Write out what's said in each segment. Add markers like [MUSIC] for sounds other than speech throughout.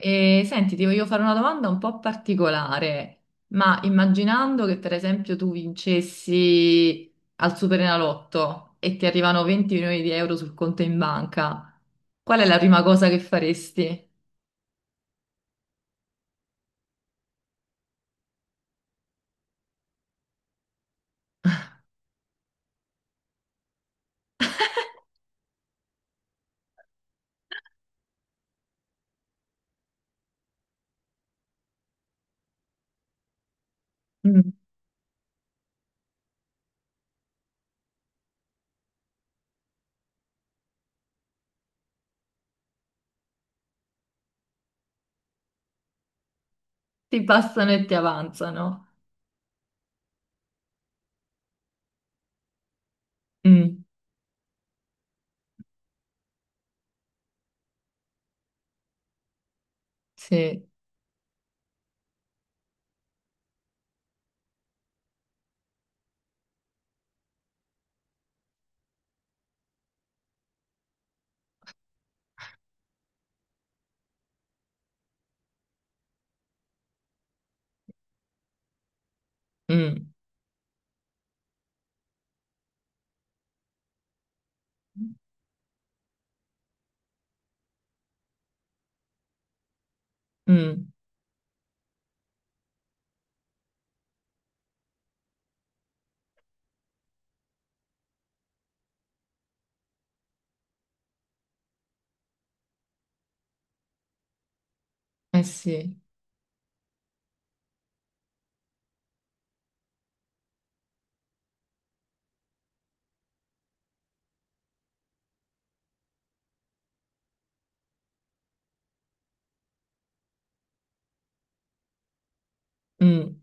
E, senti, ti voglio fare una domanda un po' particolare, ma immaginando che per esempio tu vincessi al Superenalotto e ti arrivano 20 milioni di euro sul conto in banca, qual è la prima cosa che faresti? Mm. Ti passano e ti avanzano. Mm, sì. Mm. Mm. Eh sì. Mm.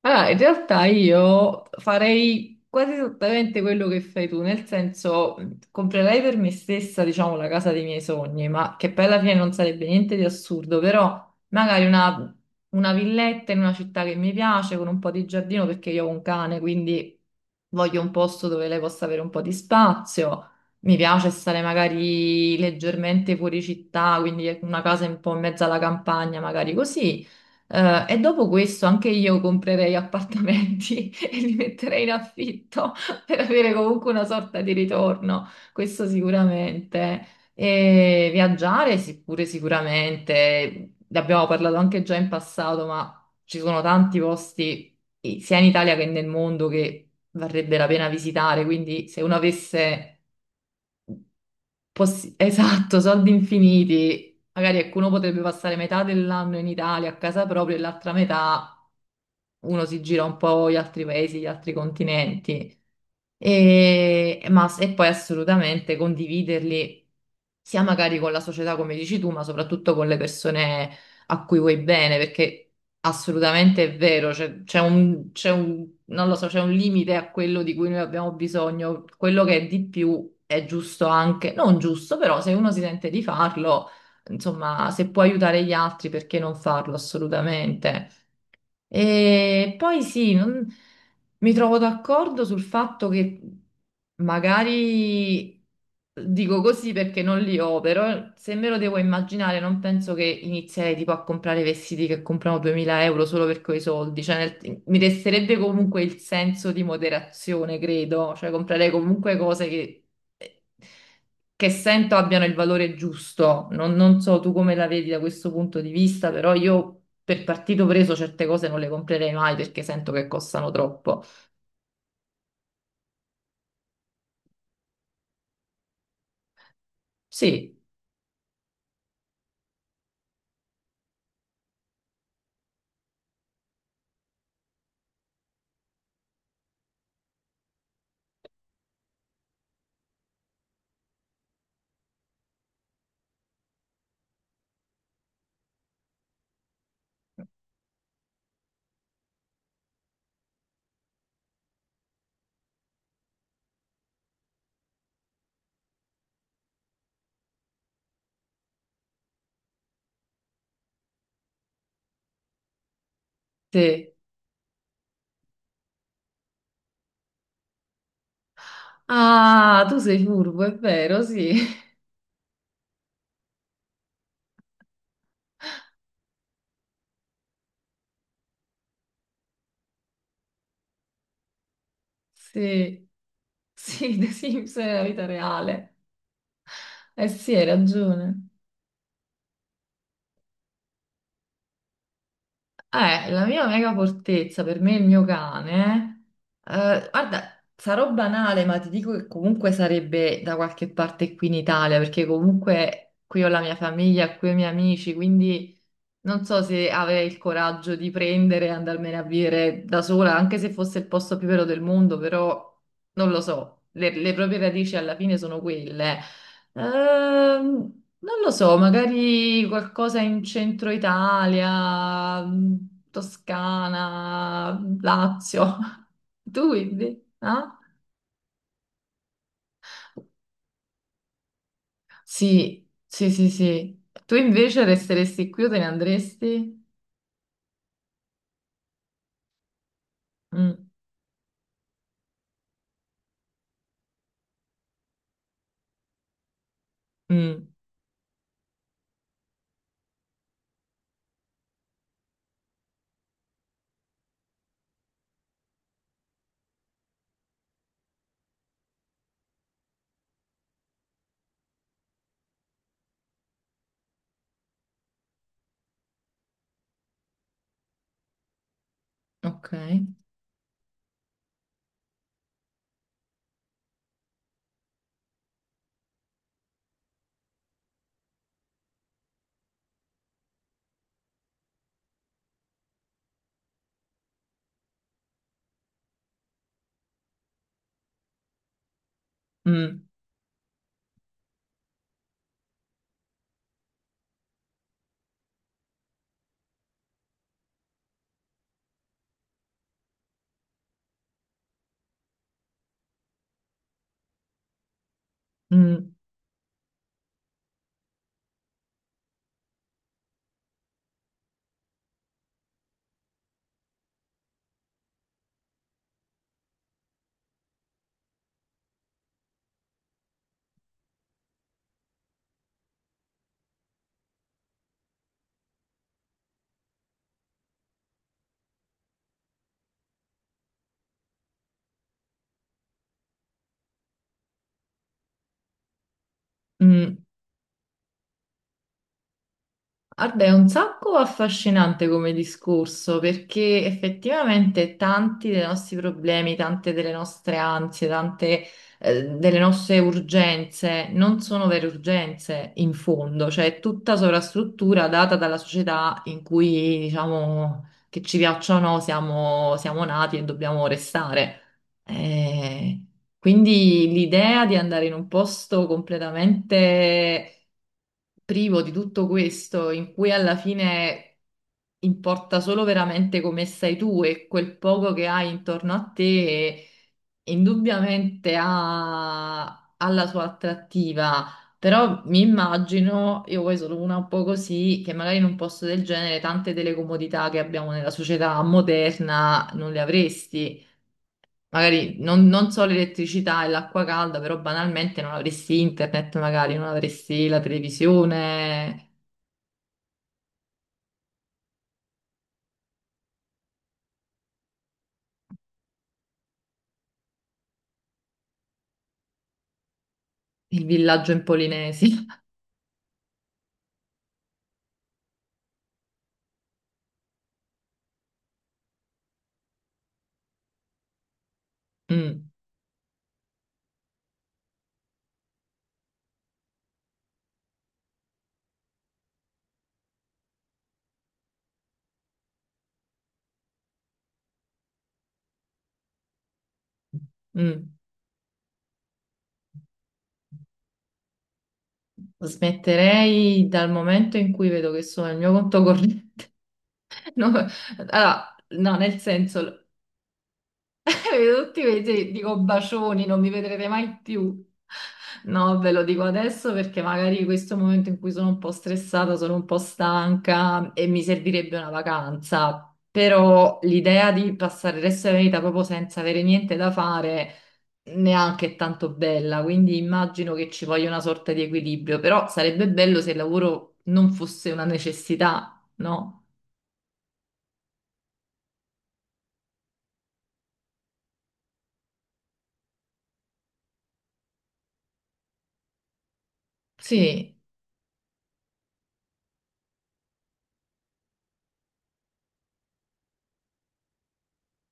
Allora, in realtà io farei quasi esattamente quello che fai tu, nel senso comprerei per me stessa, diciamo, la casa dei miei sogni, ma che poi alla fine non sarebbe niente di assurdo, però magari una villetta in una città che mi piace, con un po' di giardino, perché io ho un cane, quindi voglio un posto dove lei possa avere un po' di spazio. Mi piace stare magari leggermente fuori città, quindi una casa un po' in mezzo alla campagna, magari così. E dopo questo anche io comprerei appartamenti [LAUGHS] e li metterei in affitto [LAUGHS] per avere comunque una sorta di ritorno, questo sicuramente. E viaggiare sì, pure sicuramente, ne abbiamo parlato anche già in passato, ma ci sono tanti posti sia in Italia che nel mondo che varrebbe la pena visitare, quindi se uno avesse [LAUGHS] esatto, soldi infiniti, magari ecco, uno potrebbe passare metà dell'anno in Italia a casa propria e l'altra metà uno si gira un po' gli altri paesi, gli altri continenti, e, ma, e poi assolutamente condividerli sia magari con la società, come dici tu, ma soprattutto con le persone a cui vuoi bene, perché assolutamente è vero, c'è un, non lo so, c'è un limite a quello di cui noi abbiamo bisogno, quello che è di più è giusto anche, non giusto, però se uno si sente di farlo, insomma, se può aiutare gli altri, perché non farlo assolutamente? E poi sì, mi trovo d'accordo sul fatto che magari dico così perché non li ho, però se me lo devo immaginare non penso che inizierei tipo a comprare vestiti che comprano 2000 euro solo per quei soldi, cioè mi resterebbe comunque il senso di moderazione, credo, cioè comprerei comunque cose che sento abbiano il valore giusto. Non, non so tu come la vedi da questo punto di vista, però io per partito preso certe cose non le comprerei mai perché sento che costano troppo. Sì, sì. Ah, tu sei furbo, è vero, sì. [LAUGHS] Sì, sì, The Sims è la vita reale. Eh sì, hai ragione. La mia mega fortezza per me è il mio cane. Guarda, sarò banale, ma ti dico che comunque sarebbe da qualche parte qui in Italia, perché comunque qui ho la mia famiglia, qui ho i miei amici, quindi non so se avrei il coraggio di prendere e andarmene a vivere da sola, anche se fosse il posto più vero del mondo, però non lo so. Le proprie radici alla fine sono quelle. Non lo so, magari qualcosa in centro Italia, Toscana, Lazio. [LAUGHS] Tu invece? Ah? Sì, sì, sì, sì. Tu invece resteresti qui o te ne andresti? Mm. Mm. Ok. Mm. Mm. Mm. Guarda, è un sacco affascinante come discorso perché effettivamente tanti dei nostri problemi, tante delle nostre ansie, tante delle nostre urgenze non sono vere urgenze in fondo, cioè è tutta sovrastruttura data dalla società in cui, diciamo, che ci piaccia o no, siamo, siamo nati e dobbiamo restare. Eh, quindi l'idea di andare in un posto completamente privo di tutto questo, in cui alla fine importa solo veramente come stai tu e quel poco che hai intorno a te, indubbiamente ha, ha la sua attrattiva. Però mi immagino, io poi sono una un po' così, che magari in un posto del genere tante delle comodità che abbiamo nella società moderna non le avresti. Magari non, non so l'elettricità e l'acqua calda, però banalmente non avresti internet, magari non avresti la televisione, il villaggio in Polinesi. [LAUGHS] Mm. Mm. Smetterei dal momento in cui vedo che sono il mio conto corrente. [LAUGHS] No, allora, no, nel senso. E vedo tutti invece dico bacioni, non mi vedrete mai più. No, ve lo dico adesso perché magari questo è il momento in cui sono un po' stressata, sono un po' stanca e mi servirebbe una vacanza. Però l'idea di passare il resto della vita proprio senza avere niente da fare neanche è tanto bella, quindi immagino che ci voglia una sorta di equilibrio, però sarebbe bello se il lavoro non fosse una necessità, no? Sì.